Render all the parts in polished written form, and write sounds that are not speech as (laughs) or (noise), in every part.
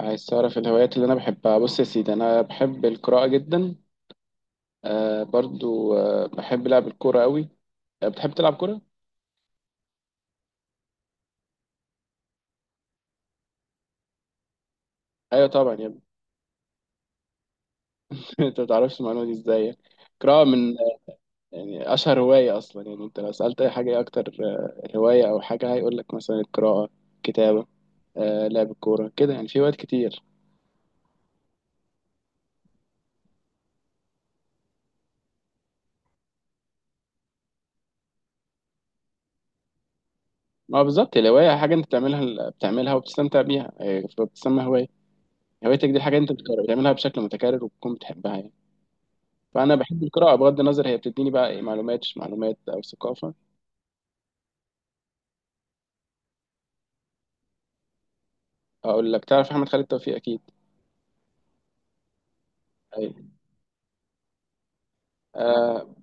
عايز تعرف الهوايات اللي انا بحبها؟ بص يا سيدي، انا بحب القراءة جدا. آه برضو، بحب لعب الكورة قوي. آه بتحب تلعب كورة؟ ايوه طبعا يا ابني. (laughs) انت ما تعرفش المعلومة دي ازاي؟ القراءة من يعني اشهر هواية اصلا. يعني انت لو سألت اي حاجة ايه اكتر هواية او حاجة، هيقول لك مثلا القراءة، كتابة، لعب الكورة كده. يعني في هوايات كتير. ما هو بالظبط الهواية حاجة انت بتعملها وبتستمتع بيها، فبتسمى هواية. هوايتك دي حاجة انت بتعملها بشكل متكرر وبتكون بتحبها يعني. فانا بحب القراءه بغض النظر هي بتديني بقى ايه، معلومات مش معلومات او ثقافه. اقول لك، تعرف احمد خالد توفيق اكيد؟ ايوه. آه.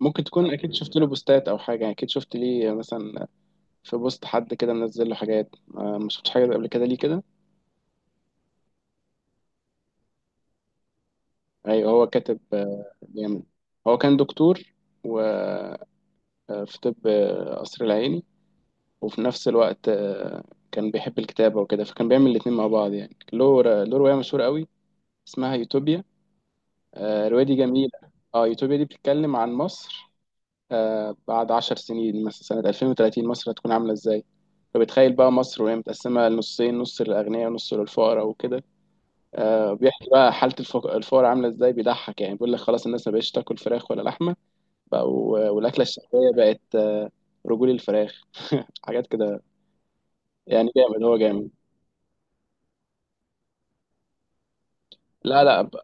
ممكن تكون اكيد شفت له بوستات او حاجه، يعني اكيد شفت ليه مثلا في بوست، حد كده منزل له حاجات. ما شفتش حاجه قبل كده ليه كده؟ ايوه، هو كاتب جامد. هو كان دكتور وفي طب، قصر العيني، وفي نفس الوقت كان بيحب الكتابه وكده، فكان بيعمل الاتنين مع بعض. يعني له له روايه مشهوره قوي اسمها يوتوبيا. الرواية دي جميلة. اه، يوتوبيا دي بتتكلم عن مصر بعد 10 سنين، مثلا سنة 2030، مصر هتكون عاملة ازاي. فبتخيل بقى مصر وهي متقسمة لنصين، نص للأغنياء ونص للفقراء وكده. بيحكي بقى حالة الفقراء عاملة ازاي، بيضحك يعني، بيقول لك خلاص الناس ما بقتش تاكل فراخ ولا لحمة، بقوا والأكلة الشعبية بقت رجول الفراخ (laughs) حاجات كده. يعني جامد، هو جامد. لا لا،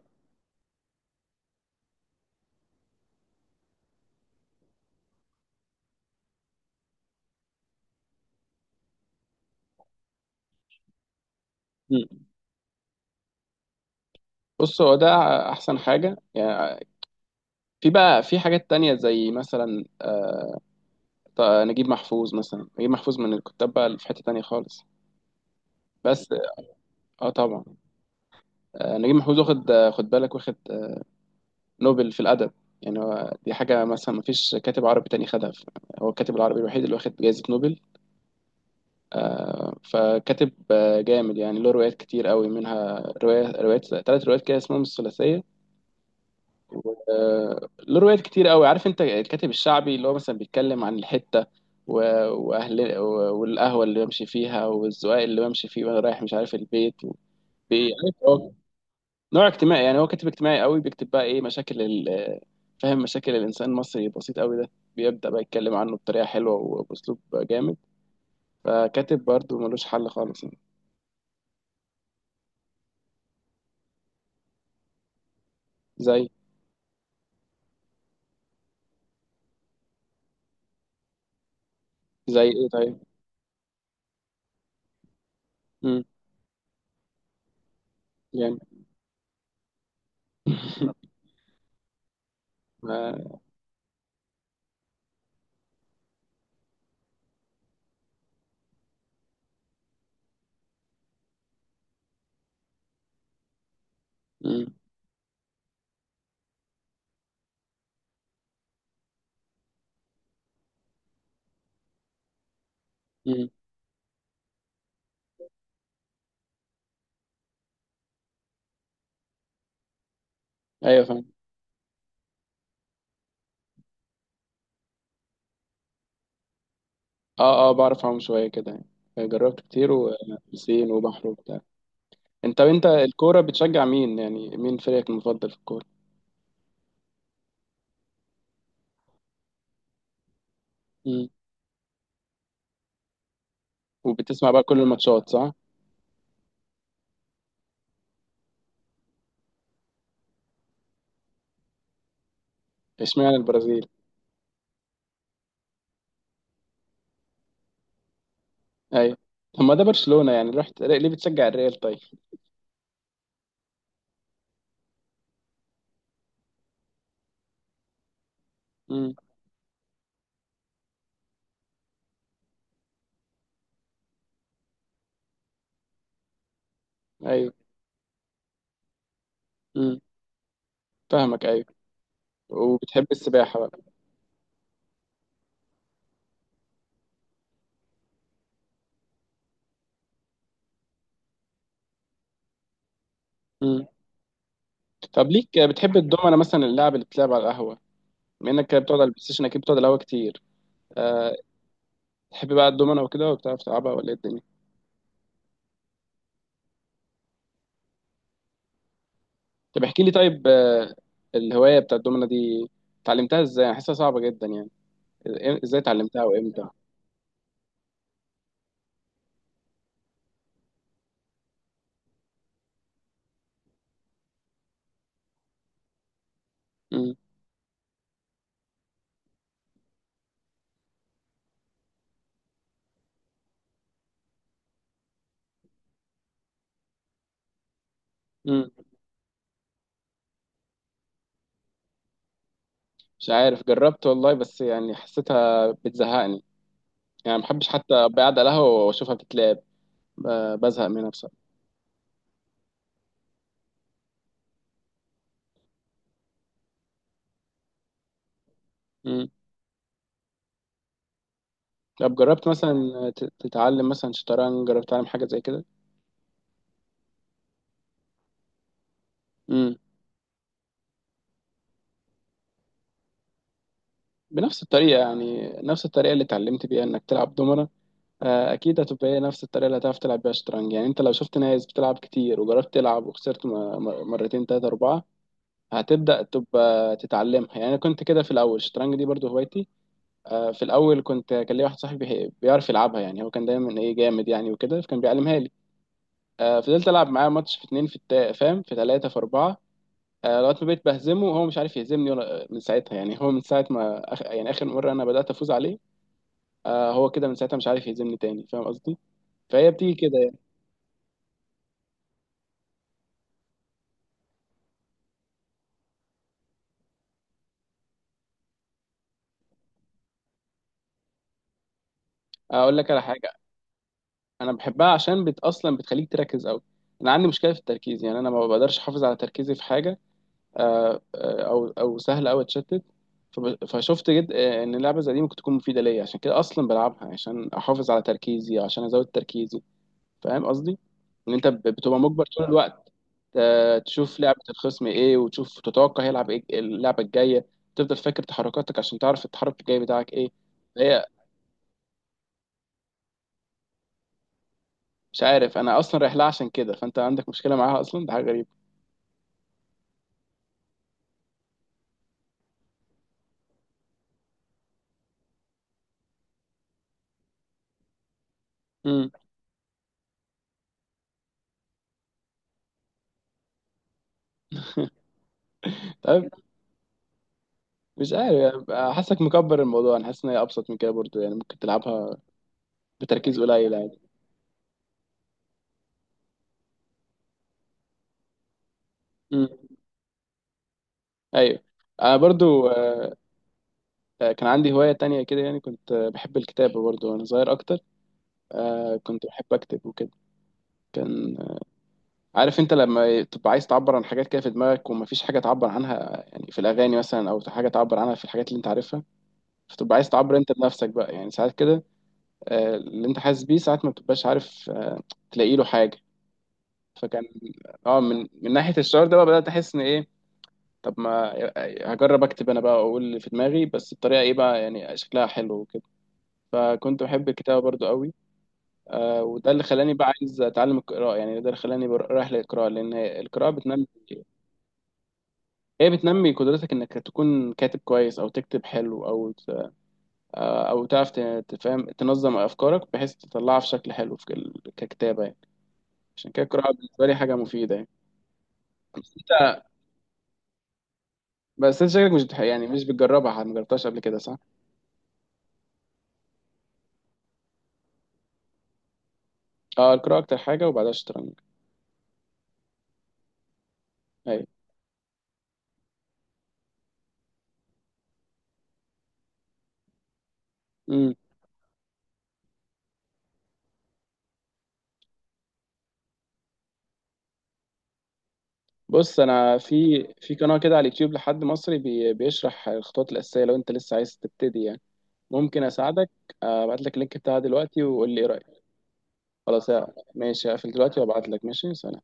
مم. بص، هو ده احسن حاجه يعني. في بقى في حاجات تانية زي مثلا طيب نجيب محفوظ، مثلا نجيب محفوظ، من الكتاب بقى اللي في حتة تانية خالص. بس اه طبعا. نجيب محفوظ واخد خد بالك، واخد نوبل في الأدب. يعني هو دي حاجة مثلا، ما فيش كاتب عربي تاني خدها. هو الكاتب العربي الوحيد اللي واخد جائزة نوبل. فكاتب جامد يعني، له روايات كتير قوي، منها رواية روايات 3 روايات كده اسمهم الثلاثية. له روايات كتير قوي. عارف انت الكاتب الشعبي اللي هو مثلا بيتكلم عن الحتة واهل والقهوه اللي بمشي فيها، والزقاق اللي بمشي فيه، وانا رايح مش عارف البيت. عارف، هو نوع اجتماعي يعني، هو كاتب اجتماعي قوي، بيكتب بقى ايه، مشاكل فاهم، مشاكل الانسان المصري البسيط قوي ده. بيبدأ بقى يتكلم عنه بطريقة حلوة وبأسلوب جامد. فكاتب برضه ملوش حل خالص يعني. زي زي ايه طيب؟ امم، جامد. (laughs) ما- مم. مم. ايوه فاهم. اه اه، بعرف اعوم شوية كده يعني، جربت كتير، وبسين وبحر وبتاع. انت، الكورة بتشجع مين؟ يعني مين فريقك المفضل في الكورة؟ مم. وبتسمع بقى كل الماتشات، صح؟ اشمعنى البرازيل؟ ايوه. طب ما ده برشلونة، يعني رحت ليه بتشجع الريال طيب؟ امم. ايوه. امم، فاهمك، ايوه. وبتحب السباحة بقى. امم. طب ليك بتحب الدومنة مثلا، اللعب اللي بتلعب على القهوة؟ بما انك بتقعد على البلاي ستيشن، اكيد بتقعد على القهوة كتير. أه. تحب بقى الدومنة وكده وبتعرف تلعبها ولا ايه الدنيا؟ طب احكي لي طيب، الهواية بتاع الدومنة دي اتعلمتها ازاي؟ أنا حاسسها صعبة جدا يعني. ازاي اتعلمتها وامتى؟ امم. امم. مش عارف، جربت والله، بس يعني حسيتها بتزهقني. يعني ما بحبش حتى أبقى قاعد على القهوة واشوفها بتتلعب. بزهق منها بصراحة. مم. طب جربت مثلا تتعلم مثلا شطرنج؟ جربت تتعلم حاجة زي كده؟ مم. بنفس الطريقة، يعني نفس الطريقة اللي اتعلمت بيها انك تلعب دومنة. اكيد هتبقى هي نفس الطريقة اللي هتعرف تلعب بيها شطرنج. يعني انت لو شفت ناس بتلعب كتير وجربت تلعب وخسرت مرتين تلاتة اربعة، هتبدأ تبقى تتعلمها. يعني انا كنت كده في الاول، الشطرنج دي برضو هوايتي. في الاول كان ليا واحد صاحبي بيعرف يلعبها، يعني هو كان دايما ايه، جامد يعني وكده، فكان بيعلمها لي. فضلت العب معاه ماتش في اتنين في فاهم، في تلاتة في اربعة. لغايه ما بقيت بهزمه وهو مش عارف يهزمني، ولا من ساعتها، يعني هو من ساعه ما يعني اخر مره انا بدات افوز عليه، هو كده من ساعتها مش عارف يهزمني تاني، فاهم قصدي؟ فهي بتيجي كده يعني. اقول لك على حاجه، انا بحبها عشان اصلا بتخليك تركز قوي. انا عندي مشكله في التركيز، يعني انا ما بقدرش احافظ على تركيزي في حاجه. او سهل قوي اتشتت. فشفت جد ان اللعبه زي دي ممكن تكون مفيده ليا، عشان كده اصلا بلعبها، عشان احافظ على تركيزي، عشان ازود تركيزي. فاهم قصدي؟ ان انت بتبقى مجبر طول الوقت تشوف لعبة الخصم ايه، وتشوف تتوقع هيلعب ايه اللعبة الجاية، تفضل فاكر تحركاتك عشان تعرف التحرك الجاي بتاعك ايه. هي مش عارف انا، اصلا رايح لها عشان كده، فانت عندك مشكلة معاها اصلا، ده حاجة غريبة. امم. (laughs) طيب. مش عارف حاسك مكبر الموضوع. انا حاسس ان هي ابسط من كده برضو، يعني ممكن تلعبها بتركيز قليل عادي. امم. ايوه. انا برضو كان عندي هواية تانية كده، يعني كنت بحب الكتابة برضو وانا صغير اكتر. كنت بحب اكتب وكده. كان عارف انت لما تبقى عايز تعبر عن حاجات كده في دماغك، ومفيش حاجه تعبر عنها يعني، في الاغاني مثلا، او حاجه تعبر عنها في الحاجات اللي انت عارفها، فتبقى عايز تعبر انت بنفسك بقى، يعني ساعات كده اللي انت حاسس بيه ساعات ما بتبقاش عارف تلاقي له حاجه. فكان اه، من ناحيه الشعور ده بقى، بدات احس ان ايه، طب ما هجرب اكتب انا بقى واقول اللي في دماغي، بس بطريقه ايه بقى، يعني شكلها حلو وكده. فكنت بحب الكتابه برضو قوي. وده اللي خلاني بقى عايز اتعلم القراءه، يعني ده اللي خلاني رايح للقراءه، لان القراءه بتنمي. هي بتنمي قدرتك انك تكون كاتب كويس، او تكتب حلو، او تعرف تفهم، تنظم افكارك بحيث تطلعها في شكل حلو في ككتابه يعني. عشان كده القراءه بالنسبه لي حاجه مفيده يعني. انت بس انت شكلك مش يعني مش بتجربها، ما جربتهاش قبل كده صح؟ اه، القراءه اكتر حاجه، وبعدها الشطرنج. ايوه. امم. بص، انا في في قناه كده على اليوتيوب لحد مصري بيشرح الخطوات الاساسيه، لو انت لسه عايز تبتدي يعني. ممكن اساعدك. ابعت لك اللينك بتاعها دلوقتي وقول لي ايه رايك. خلاص ماشي، هقفل دلوقتي وابعت لك. ماشي، سلام.